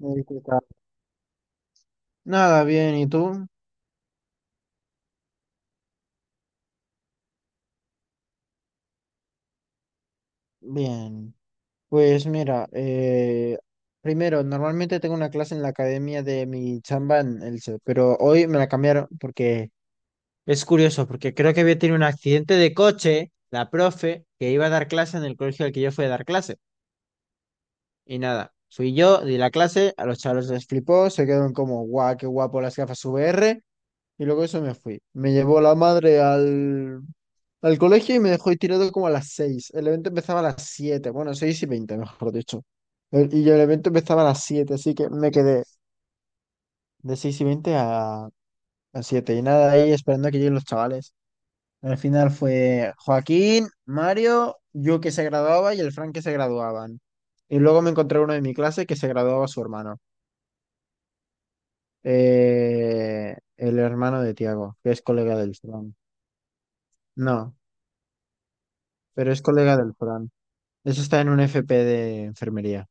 ¿Qué tal? Nada, bien, ¿y tú? Bien. Pues mira, primero, normalmente tengo una clase en la academia de mi chamba en Elche, pero hoy me la cambiaron porque es curioso, porque creo que había tenido un accidente de coche, la profe, que iba a dar clase en el colegio al que yo fui a dar clase. Y nada, fui yo, di la clase, a los chavales les flipó, se quedaron como, guau, qué guapo las gafas VR. Y luego eso me fui. Me llevó la madre al colegio y me dejó ahí tirado como a las 6. El evento empezaba a las 7, bueno, 6:20, mejor dicho. Y el evento empezaba a las siete, así que me quedé de 6:20 a 7. Y nada, ahí esperando a que lleguen los chavales. Al final fue Joaquín, Mario, yo que se graduaba y el Frank que se graduaban. Y luego me encontré uno de mi clase que se graduaba su hermano. El hermano de Tiago, que es colega del Frank. No, pero es colega del Fran. Eso está en un FP de enfermería.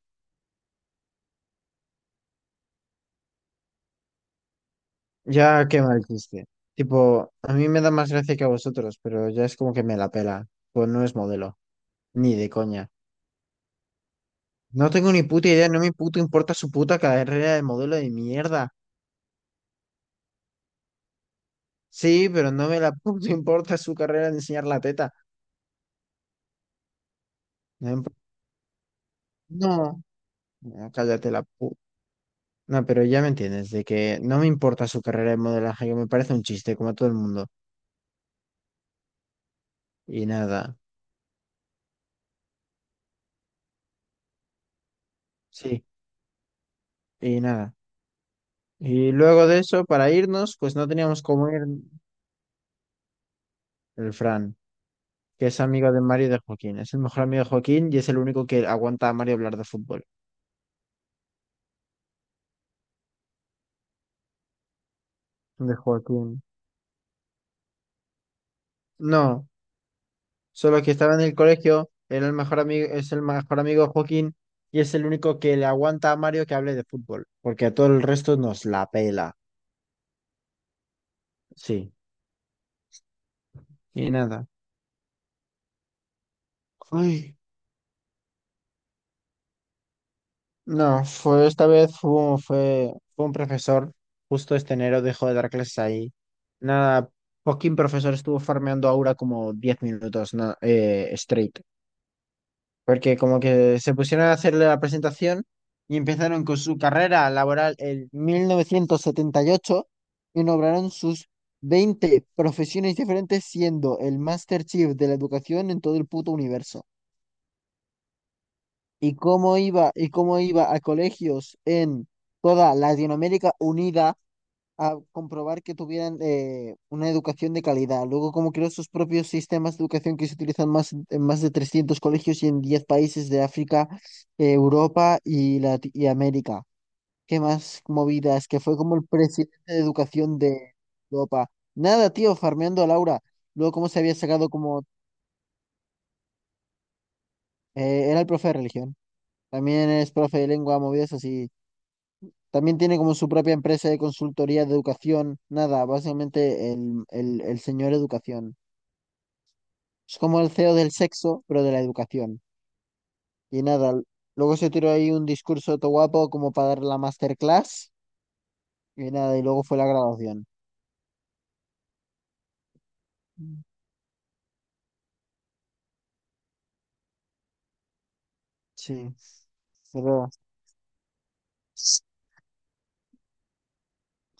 Ya qué mal chiste. Tipo, a mí me da más gracia que a vosotros, pero ya es como que me la pela. Pues no es modelo, ni de coña. No tengo ni puta idea, no me puto importa su puta carrera de modelo de mierda. Sí, pero no me la puto importa su carrera de enseñar la teta. No, no, no, cállate la puta. No, pero ya me entiendes, de que no me importa su carrera de modelaje, que me parece un chiste, como a todo el mundo. Y nada, sí, y nada. Y luego de eso, para irnos, pues no teníamos cómo ir el Fran, que es amigo de Mario y de Joaquín. Es el mejor amigo de Joaquín y es el único que aguanta a Mario hablar de fútbol. De Joaquín. No, solo que estaba en el colegio, era el mejor amigo, es el mejor amigo de Joaquín y es el único que le aguanta a Mario que hable de fútbol, porque a todo el resto nos la pela. Sí, y nada. Ay. No, fue esta vez fue, fue, fue un profesor, justo este enero dejó de dar clases ahí. Nada, poquín profesor estuvo farmeando aura como 10 minutos straight, porque como que se pusieron a hacerle la presentación y empezaron con su carrera laboral en 1978 y nombraron sus 20 profesiones diferentes siendo el Master Chief de la educación en todo el puto universo. Y cómo iba y cómo iba a colegios en toda Latinoamérica unida a comprobar que tuvieran una educación de calidad. Luego, cómo creó sus propios sistemas de educación que se utilizan más, en más de 300 colegios y en 10 países de África, Europa y, y América. ¿Qué más movidas? Que fue como el presidente de educación de Europa. Nada, tío, farmeando a Laura. Luego, cómo se había sacado como… era el profe de religión. También es profe de lengua, movidas así. También tiene como su propia empresa de consultoría de educación. Nada, básicamente el señor educación. Es como el CEO del sexo, pero de la educación. Y nada, luego se tiró ahí un discurso todo guapo como para dar la masterclass. Y nada, y luego fue la graduación. Mm. Sí, pero…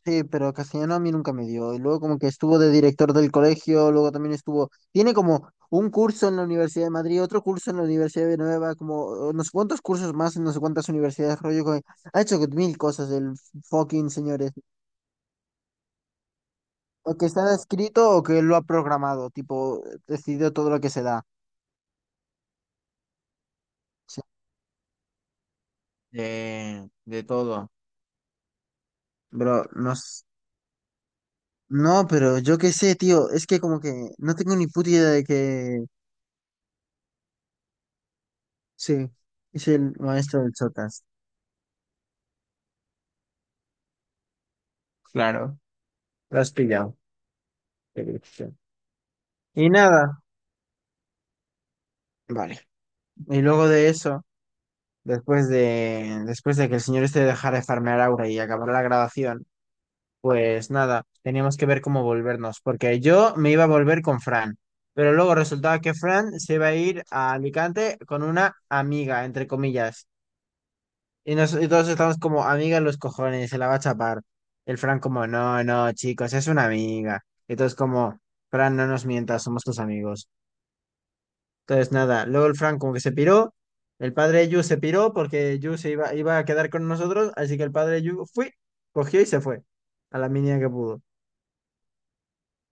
Sí, pero castellano a mí nunca me dio. Y luego como que estuvo de director del colegio, luego también estuvo, tiene como un curso en la Universidad de Madrid, otro curso en la Universidad de Nueva, como no sé cuántos cursos más en no sé cuántas universidades, rollo, que ha hecho mil cosas el fucking señores. O que está escrito o que lo ha programado, tipo, decidió todo lo que se da. Sí. De todo. Bro, no, no, pero yo qué sé, tío, es que como que no tengo ni puta idea de que sí, es el maestro del Sotas. Claro, lo has pillado. Perfecto. Y nada, vale. Y luego de eso, después de que el señor este dejara de farmear Aura y acabara la grabación, pues nada, teníamos que ver cómo volvernos, porque yo me iba a volver con Fran, pero luego resultaba que Fran se iba a ir a Alicante con una amiga, entre comillas. Y, nos, y todos estamos como amiga en los cojones, se la va a chapar. El Fran como, no, no, chicos, es una amiga. Y todos como, Fran, no nos mientas, somos tus amigos. Entonces, nada, luego el Frank como que se piró, el padre de Yu se piró porque Yu se iba, iba a quedar con nosotros, así que el padre de Yu fui, cogió y se fue a la mínima que pudo.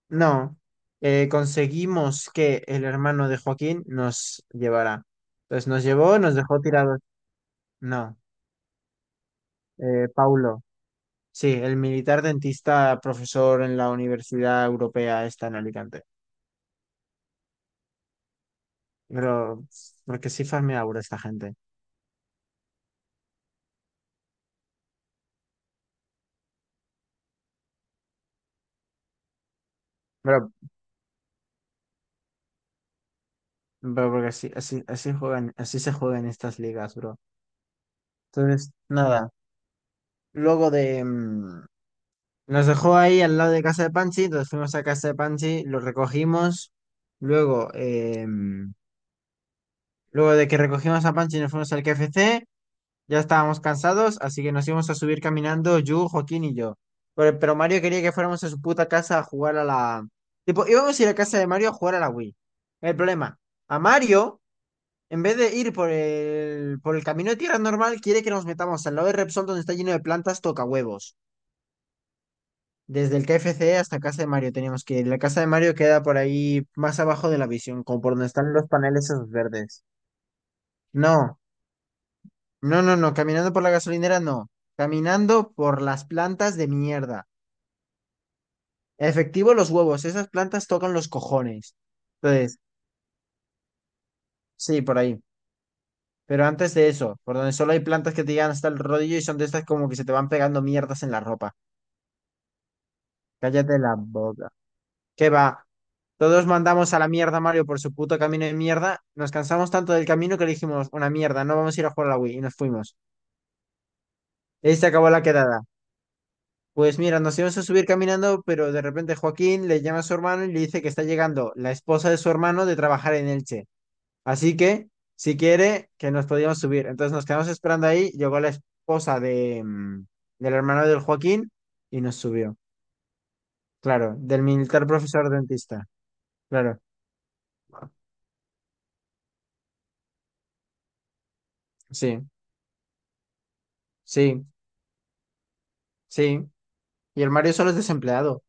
No, conseguimos que el hermano de Joaquín nos llevara. Entonces nos llevó, nos dejó tirados. No, Paulo, sí, el militar dentista profesor en la Universidad Europea está en Alicante. Pero, porque sí farmea ahora esta gente. Pero bro, porque así, así, así juegan, así se juegan estas ligas, bro. Entonces, nada, luego de… nos dejó ahí al lado de casa de Pansy, entonces fuimos a casa de Pansy, lo recogimos, luego, luego de que recogimos a Pansy nos fuimos al KFC, ya estábamos cansados, así que nos íbamos a subir caminando, Yu, Joaquín y yo. Pero Mario quería que fuéramos a su puta casa a jugar a la… Tipo, íbamos a ir a casa de Mario a jugar a la Wii. El problema, a Mario… En vez de ir por el camino de tierra normal, quiere que nos metamos al lado de Repsol donde está lleno de plantas toca huevos. Desde el KFC hasta casa de Mario tenemos que ir. La casa de Mario queda por ahí más abajo de la visión, como por donde están los paneles esos verdes. No, no, no, no. Caminando por la gasolinera, no. Caminando por las plantas de mierda. Efectivo, los huevos. Esas plantas tocan los cojones. Entonces, sí, por ahí. Pero antes de eso, por donde solo hay plantas que te llegan hasta el rodillo y son de estas como que se te van pegando mierdas en la ropa. Cállate la boca. ¿Qué va? Todos mandamos a la mierda a Mario por su puto camino de mierda. Nos cansamos tanto del camino que le dijimos, una mierda, no vamos a ir a jugar a la Wii. Y nos fuimos. Y ahí se acabó la quedada. Pues mira, nos íbamos a subir caminando, pero de repente Joaquín le llama a su hermano y le dice que está llegando la esposa de su hermano de trabajar en Elche. Así que, si quiere, que nos podíamos subir. Entonces nos quedamos esperando ahí. Llegó la esposa de, del hermano del Joaquín y nos subió. Claro, del militar profesor dentista. Claro, sí. Sí, sí. Y el Mario solo es desempleado.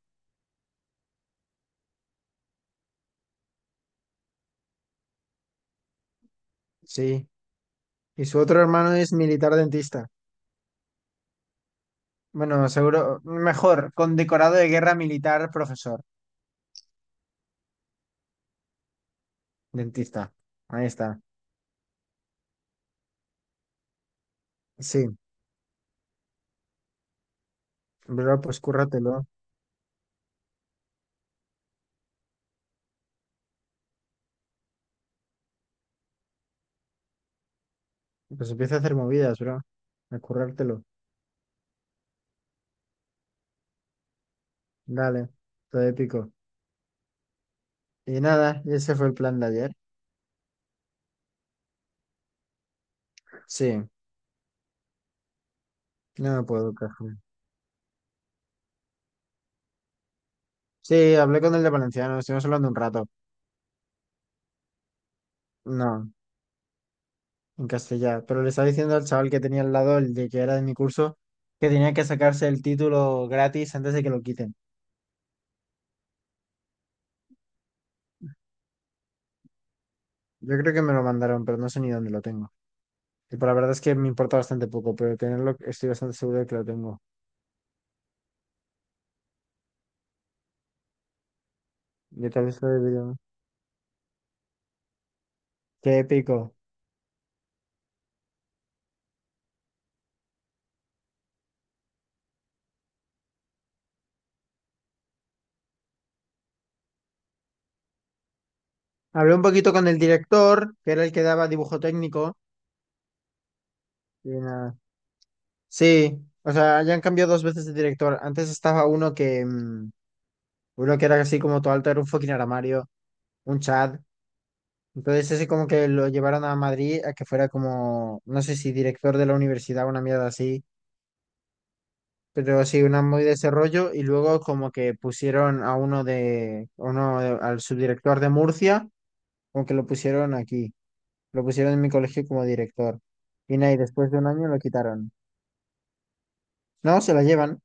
Sí. Y su otro hermano es militar dentista. Bueno, seguro, mejor, condecorado de guerra militar, profesor, dentista. Ahí está. Sí, bro, pues cúrratelo. Pues empieza a hacer movidas, bro. A currártelo. Dale, todo épico. Y nada, y ese fue el plan de ayer. Sí, no me puedo quejar. Sí, hablé con el de Valenciano, estuvimos hablando un rato. No, en castellano. Pero le estaba diciendo al chaval que tenía al lado, el de que era de mi curso, que tenía que sacarse el título gratis antes de que lo quiten. Yo creo que me lo mandaron, pero no sé ni dónde lo tengo. Y pues la verdad es que me importa bastante poco, pero tenerlo estoy bastante seguro de que lo tengo. Yo tal vez lo debería. Qué épico. Hablé un poquito con el director, que era el que daba dibujo técnico. Y nada. Sí, o sea, ya han cambiado dos veces de director. Antes estaba uno que, uno que era así como todo alto, era un fucking armario, un Chad. Entonces, ese como que lo llevaron a Madrid a que fuera como, no sé si director de la universidad, o una mierda así, pero sí, una muy de ese rollo. Y luego como que pusieron a uno de, al subdirector de Murcia, como que lo pusieron aquí, lo pusieron en mi colegio como director. Y nada, y después de un año lo quitaron. No, se lo llevan.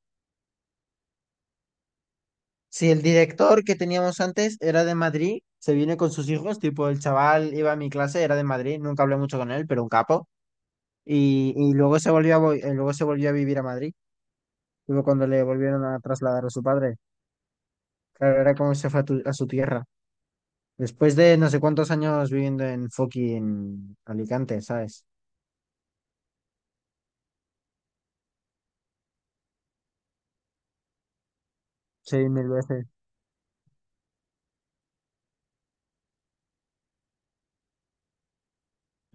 Si el director que teníamos antes era de Madrid, se viene con sus hijos, tipo el chaval iba a mi clase, era de Madrid, nunca hablé mucho con él, pero un capo. Y luego se volvió a, luego se volvió a vivir a Madrid, luego cuando le volvieron a trasladar a su padre. Claro, era como se fue a, a su tierra. Después de no sé cuántos años viviendo en fucking Alicante, ¿sabes? Sí, mil veces.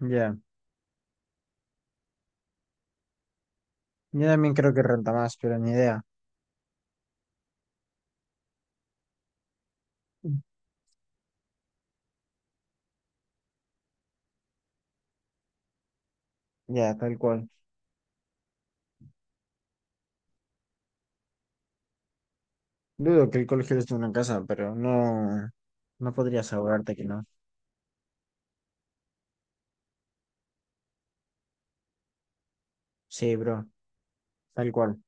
Ya. Yo también creo que renta más, pero ni idea. Ya, tal cual. Dudo que el colegio esté en una casa, pero no, no podría asegurarte que no. Sí, bro, tal cual.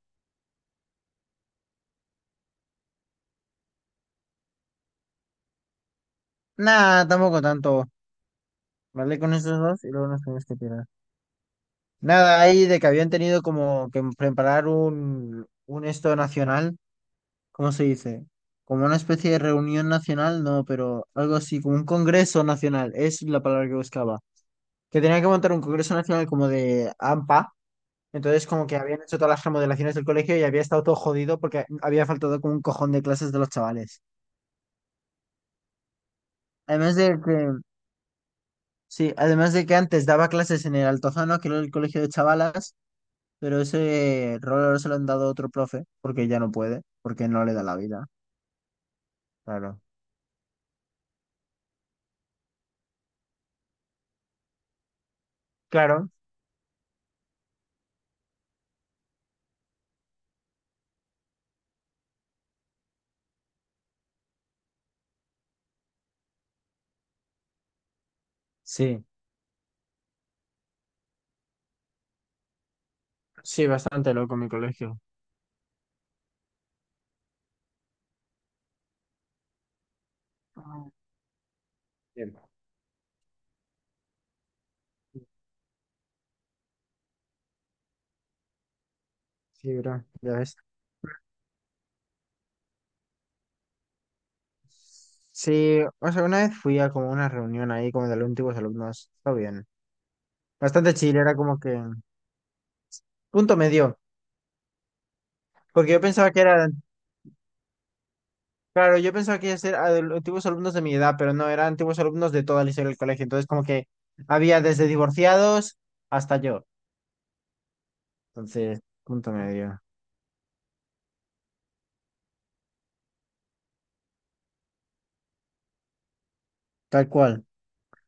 Nah, tampoco tanto. Vale con esos dos y luego nos tenemos que tirar. Nada, ahí de que habían tenido como que preparar un esto nacional, ¿cómo se dice? Como una especie de reunión nacional, no, pero algo así, como un congreso nacional, es la palabra que buscaba. Que tenían que montar un congreso nacional como de AMPA, entonces como que habían hecho todas las remodelaciones del colegio y había estado todo jodido porque había faltado como un cojón de clases de los chavales. Además de que, sí, además de que antes daba clases en el Altozano, que era el colegio de chavalas, pero ese rol ahora se lo han dado a otro profe porque ya no puede, porque no le da la vida. Claro. Claro, sí, sí, bastante loco mi colegio. Ah. Bien. Sí, bro, ya ves. Sí, o sea, una vez fui a como una reunión ahí como de los antiguos alumnos, está bien. Bastante chile, era como que punto medio, porque yo pensaba que eran, claro, yo pensaba que iba a ser antiguos alumnos de mi edad, pero no, eran antiguos alumnos de toda la historia del colegio, entonces como que había desde divorciados hasta yo. Entonces, punto medio. Tal cual.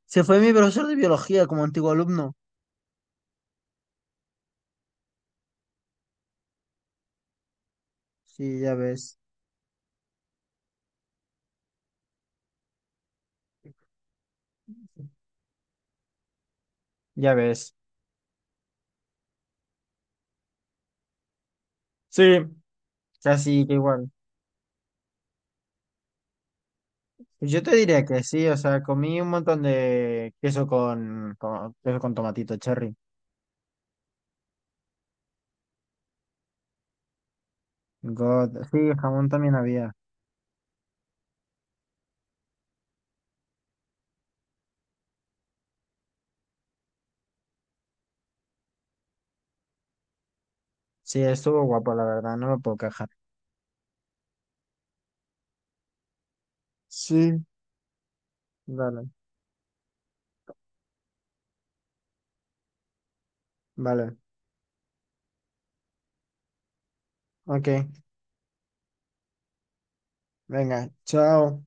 Se fue mi profesor de biología como antiguo alumno. Sí, ya ves. Ya ves. Sí, casi que igual. Pues yo te diría que sí, o sea, comí un montón de queso queso con tomatito cherry. God. Sí, jamón también había. Sí, estuvo guapo, la verdad, no me puedo quejar. Sí, vale, vale. Ok, venga, chao.